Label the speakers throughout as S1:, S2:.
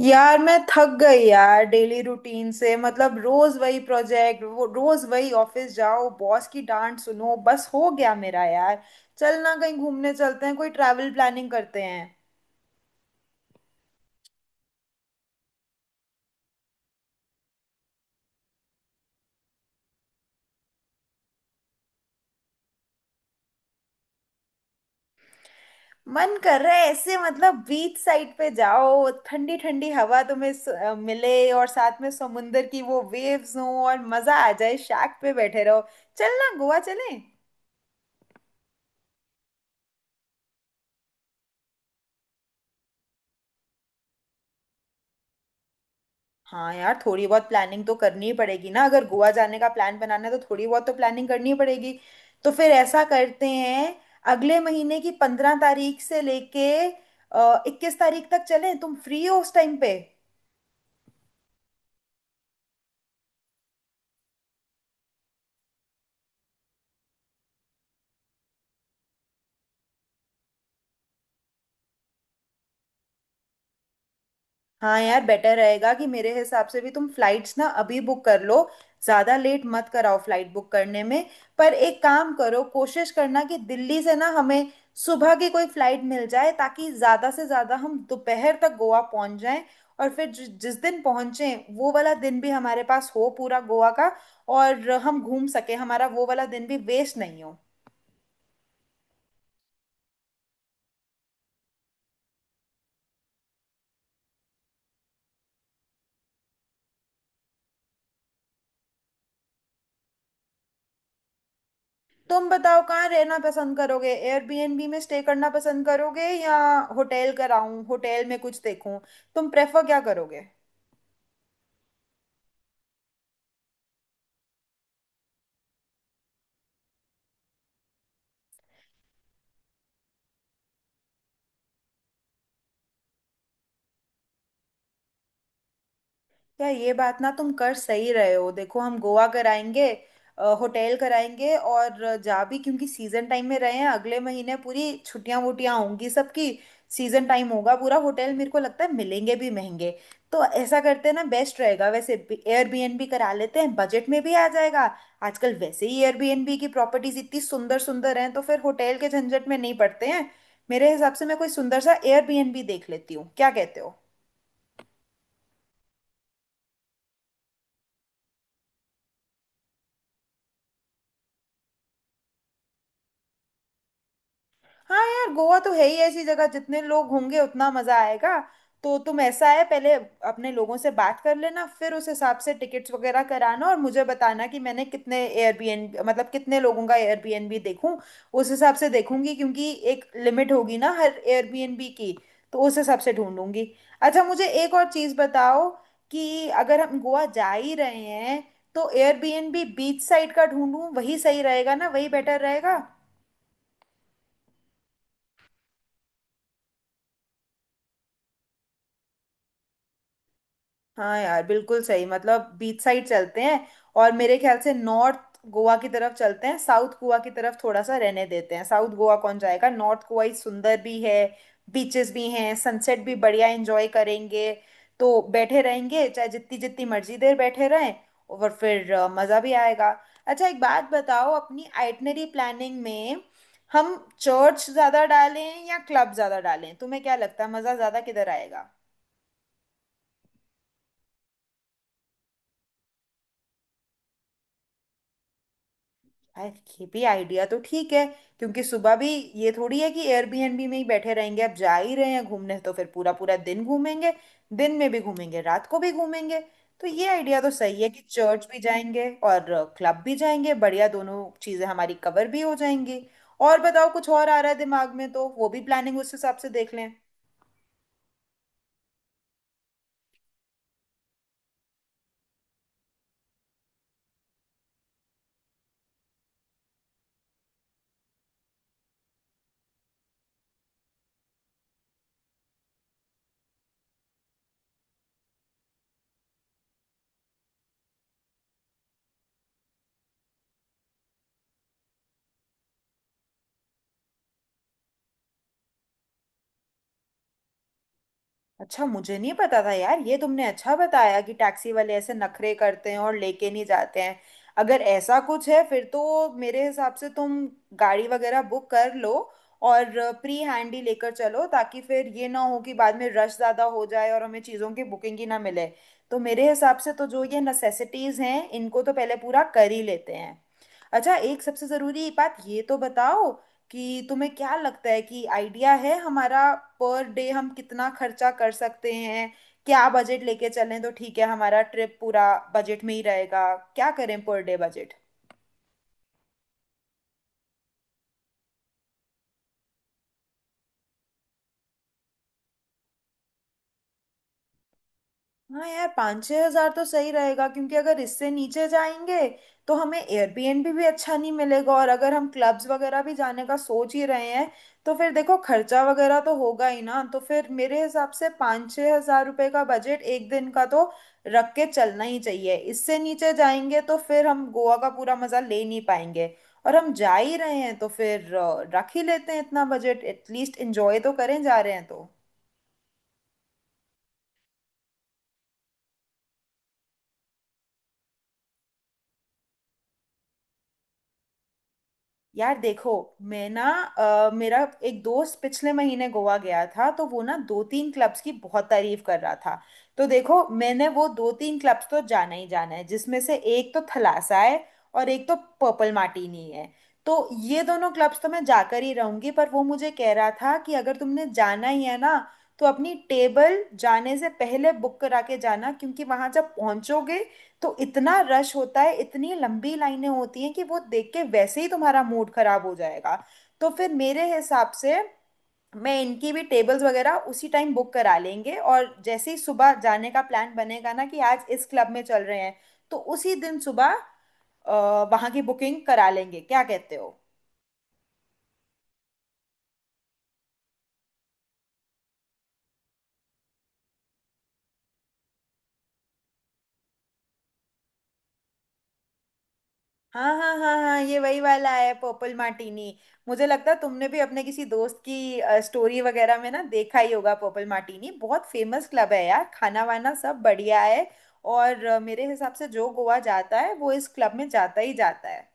S1: यार मैं थक गई यार। डेली रूटीन से मतलब रोज वही प्रोजेक्ट वो रोज वही ऑफिस जाओ बॉस की डांट सुनो। बस हो गया मेरा यार। चल ना कहीं घूमने चलते हैं कोई ट्रैवल प्लानिंग करते हैं। मन कर रहा है ऐसे मतलब बीच साइड पे जाओ ठंडी ठंडी हवा तुम्हें मिले और साथ में समुंदर की वो वेव्स हो और मजा आ जाए शैक पे बैठे रहो। चल ना गोवा चलें। हाँ यार थोड़ी बहुत प्लानिंग तो करनी ही पड़ेगी ना। अगर गोवा जाने का प्लान बनाना है तो थोड़ी बहुत तो प्लानिंग करनी ही पड़ेगी। तो फिर ऐसा करते हैं। अगले महीने की 15 तारीख से लेके 21 तारीख तक चलें। तुम फ्री हो उस टाइम पे? हाँ यार बेटर रहेगा कि मेरे हिसाब से भी तुम फ्लाइट्स ना अभी बुक कर लो। ज़्यादा लेट मत कराओ फ्लाइट बुक करने में। पर एक काम करो कोशिश करना कि दिल्ली से ना हमें सुबह की कोई फ्लाइट मिल जाए ताकि ज़्यादा से ज़्यादा हम दोपहर तक गोवा पहुंच जाएं। और फिर जिस दिन पहुंचें वो वाला दिन भी हमारे पास हो पूरा गोवा का और हम घूम सके। हमारा वो वाला दिन भी वेस्ट नहीं हो। तुम बताओ कहाँ रहना पसंद करोगे? एयरबीएनबी में स्टे करना पसंद करोगे या होटल कराऊं होटल में कुछ देखूं? तुम प्रेफर क्या करोगे? तो यार ये बात ना तुम कर सही रहे हो। देखो हम गोवा कराएंगे होटल कराएंगे और जा भी क्योंकि सीजन टाइम में रहे हैं। अगले महीने पूरी छुट्टियां वुट्टियां होंगी सबकी। सीजन टाइम होगा पूरा। होटल मेरे को लगता है मिलेंगे भी महंगे। तो ऐसा करते हैं ना बेस्ट रहेगा। वैसे एयरबीएनबी करा लेते हैं बजट में भी आ जाएगा। आजकल वैसे ही एयरबीएनबी की प्रॉपर्टीज इतनी सुंदर सुंदर हैं तो फिर होटल के झंझट में नहीं पड़ते हैं। मेरे हिसाब से मैं कोई सुंदर सा एयरबीएनबी देख लेती हूँ। क्या कहते हो? हाँ यार गोवा तो है ही ऐसी जगह। जितने लोग होंगे उतना मजा आएगा। तो तुम ऐसा है पहले अपने लोगों से बात कर लेना फिर उस हिसाब से टिकट्स वगैरह कराना और मुझे बताना कि मैंने कितने एयरबीएन मतलब कितने लोगों का एयरबीएनबी देखूं। उस हिसाब से देखूंगी क्योंकि एक लिमिट होगी ना हर एयरबीएनबी की। तो उस हिसाब से ढूंढूंगी। अच्छा मुझे एक और चीज़ बताओ कि अगर हम गोवा जा ही रहे हैं तो एयरबीएनबी बीच साइड का ढूंढूं वही सही रहेगा ना वही बेटर रहेगा। हाँ यार बिल्कुल सही मतलब बीच साइड चलते हैं। और मेरे ख्याल से नॉर्थ गोवा की तरफ चलते हैं। साउथ गोवा की तरफ थोड़ा सा रहने देते हैं। साउथ गोवा कौन जाएगा। नॉर्थ गोवा ही सुंदर भी है। बीचेस भी हैं। सनसेट भी बढ़िया एंजॉय करेंगे। तो बैठे रहेंगे चाहे जितनी जितनी मर्जी देर बैठे रहें और फिर मज़ा भी आएगा। अच्छा एक बात बताओ अपनी आइटनरी प्लानिंग में हम चर्च ज़्यादा डालें या क्लब ज़्यादा डालें? तुम्हें क्या लगता है मज़ा ज़्यादा किधर आएगा? यार ये भी आइडिया तो ठीक है। क्योंकि सुबह भी ये थोड़ी है कि एयरबीएनबी में ही बैठे रहेंगे। अब जा ही रहे हैं घूमने तो फिर पूरा पूरा दिन घूमेंगे। दिन में भी घूमेंगे रात को भी घूमेंगे। तो ये आइडिया तो सही है कि चर्च भी जाएंगे और क्लब भी जाएंगे। बढ़िया दोनों चीज़ें हमारी कवर भी हो जाएंगी। और बताओ कुछ और आ रहा है दिमाग में तो वो भी प्लानिंग उस हिसाब से देख लें। अच्छा मुझे नहीं पता था यार। ये तुमने अच्छा बताया कि टैक्सी वाले ऐसे नखरे करते हैं और लेके नहीं जाते हैं। अगर ऐसा कुछ है फिर तो मेरे हिसाब से तुम गाड़ी वगैरह बुक कर लो। और प्री हैंड ही लेकर चलो ताकि फिर ये ना हो कि बाद में रश ज़्यादा हो जाए और हमें चीज़ों की बुकिंग ही ना मिले। तो मेरे हिसाब से तो जो ये नेसेसिटीज़ हैं इनको तो पहले पूरा कर ही लेते हैं। अच्छा एक सबसे ज़रूरी बात ये तो बताओ कि तुम्हें क्या लगता है कि आइडिया है हमारा पर डे हम कितना खर्चा कर सकते हैं? क्या बजट लेके चलें तो ठीक है हमारा ट्रिप पूरा बजट में ही रहेगा? क्या करें पर डे बजट? हाँ यार 5-6 हजार तो सही रहेगा क्योंकि अगर इससे नीचे जाएंगे तो हमें एयरबीएनबी भी अच्छा नहीं मिलेगा। और अगर हम क्लब्स वगैरह भी जाने का सोच ही रहे हैं तो फिर देखो खर्चा वगैरह तो होगा ही ना। तो फिर मेरे हिसाब से 5-6 हजार रुपये का बजट एक दिन का तो रख के चलना ही चाहिए। इससे नीचे जाएंगे तो फिर हम गोवा का पूरा मज़ा ले नहीं पाएंगे। और हम जा ही रहे हैं तो फिर रख ही लेते हैं इतना बजट। एटलीस्ट एंजॉय तो करें जा रहे हैं तो। यार देखो मैं ना मेरा एक दोस्त पिछले महीने गोवा गया था। तो वो ना दो तीन क्लब्स की बहुत तारीफ कर रहा था। तो देखो मैंने वो दो तीन क्लब्स तो जाना ही जाना है। जिसमें से एक तो थलासा है और एक तो पर्पल मार्टिनी है। तो ये दोनों क्लब्स तो मैं जाकर ही रहूंगी। पर वो मुझे कह रहा था कि अगर तुमने जाना ही है ना तो अपनी टेबल जाने से पहले बुक करा के जाना। क्योंकि वहां जब पहुंचोगे तो इतना रश होता है इतनी लंबी लाइनें होती हैं कि वो देख के वैसे ही तुम्हारा मूड खराब हो जाएगा। तो फिर मेरे हिसाब से मैं इनकी भी टेबल्स वगैरह उसी टाइम बुक करा लेंगे। और जैसे ही सुबह जाने का प्लान बनेगा ना कि आज इस क्लब में चल रहे हैं तो उसी दिन सुबह वहाँ की बुकिंग करा लेंगे। क्या कहते हो? हाँ हाँ हाँ हाँ, ये वही वाला है पर्पल मार्टिनी। मुझे लगता है तुमने भी अपने किसी दोस्त की स्टोरी वगैरह में ना देखा ही होगा। पर्पल मार्टिनी बहुत फेमस क्लब है यार। खाना वाना सब बढ़िया है। और मेरे हिसाब से जो गोवा जाता है वो इस क्लब में जाता ही जाता है।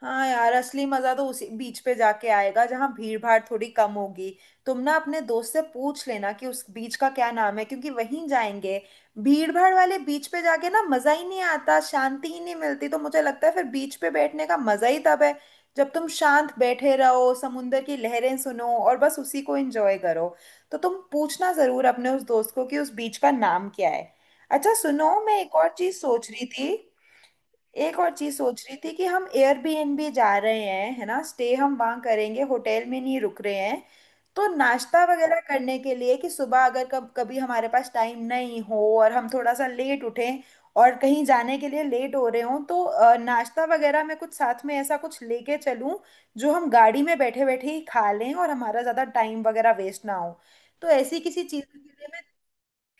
S1: हाँ यार असली मजा तो उसी बीच पे जाके आएगा जहाँ भीड़ भाड़ थोड़ी कम होगी। तुम ना अपने दोस्त से पूछ लेना कि उस बीच का क्या नाम है क्योंकि वहीं जाएंगे। भीड़ भाड़ वाले बीच पे जाके ना मजा ही नहीं आता। शांति ही नहीं मिलती। तो मुझे लगता है फिर बीच पे बैठने का मजा ही तब है जब तुम शांत बैठे रहो समुंदर की लहरें सुनो और बस उसी को एंजॉय करो। तो तुम पूछना जरूर अपने उस दोस्त को कि उस बीच का नाम क्या है। अच्छा सुनो मैं एक और चीज सोच रही थी। कि हम एयरबीएनबी जा रहे हैं है ना। स्टे हम वहां करेंगे होटल में नहीं रुक रहे हैं। तो नाश्ता वगैरह करने के लिए कि सुबह अगर कब कभी हमारे पास टाइम नहीं हो और हम थोड़ा सा लेट उठें और कहीं जाने के लिए लेट हो रहे हों तो नाश्ता वगैरह में कुछ साथ में ऐसा कुछ लेके चलूं जो हम गाड़ी में बैठे बैठे ही खा लें और हमारा ज्यादा टाइम वगैरह वेस्ट ना हो। तो ऐसी किसी चीज के लिए मैं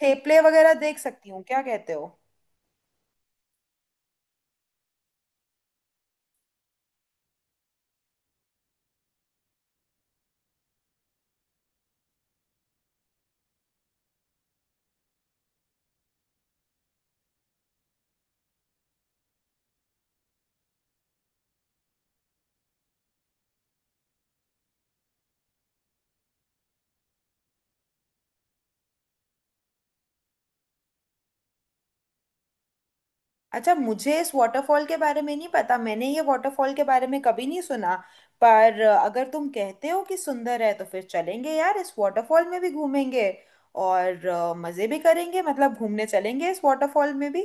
S1: थेपले वगैरह देख सकती हूँ। क्या कहते हो? अच्छा मुझे इस वाटरफॉल के बारे में नहीं पता। मैंने ये वाटरफॉल के बारे में कभी नहीं सुना। पर अगर तुम कहते हो कि सुंदर है तो फिर चलेंगे यार। इस वाटरफॉल में भी घूमेंगे और मजे भी करेंगे मतलब घूमने चलेंगे इस वाटरफॉल में भी।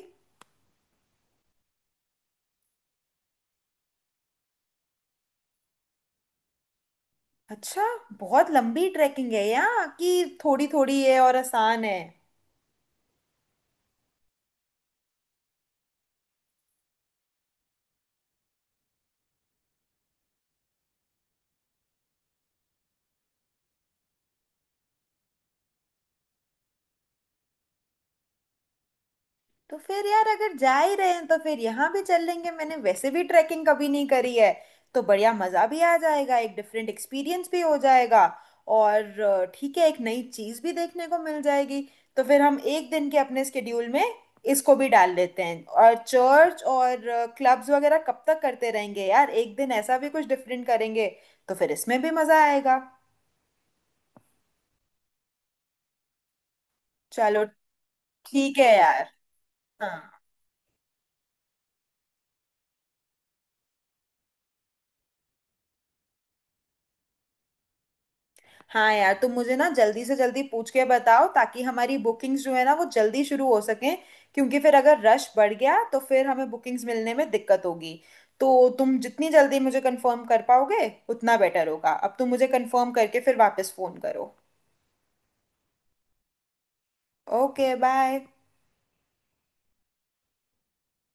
S1: अच्छा बहुत लंबी ट्रैकिंग है यहाँ कि थोड़ी थोड़ी है और आसान है? तो फिर यार अगर जा ही रहे हैं तो फिर यहाँ भी चल लेंगे। मैंने वैसे भी ट्रैकिंग कभी नहीं करी है। तो बढ़िया मज़ा भी आ जाएगा। एक डिफरेंट एक्सपीरियंस भी हो जाएगा। और ठीक है एक नई चीज़ भी देखने को मिल जाएगी। तो फिर हम एक दिन के अपने स्केड्यूल में इसको भी डाल लेते हैं। और चर्च और क्लब्स वगैरह कब तक करते रहेंगे यार? एक दिन ऐसा भी कुछ डिफरेंट करेंगे तो फिर इसमें भी मज़ा आएगा। चलो ठीक है यार। हाँ। हाँ यार तुम मुझे ना जल्दी से जल्दी पूछ के बताओ ताकि हमारी बुकिंग्स जो है ना वो जल्दी शुरू हो सकें। क्योंकि फिर अगर रश बढ़ गया तो फिर हमें बुकिंग्स मिलने में दिक्कत होगी। तो तुम जितनी जल्दी मुझे कंफर्म कर पाओगे उतना बेटर होगा। अब तुम मुझे कंफर्म करके फिर वापस फ़ोन करो। Okay bye.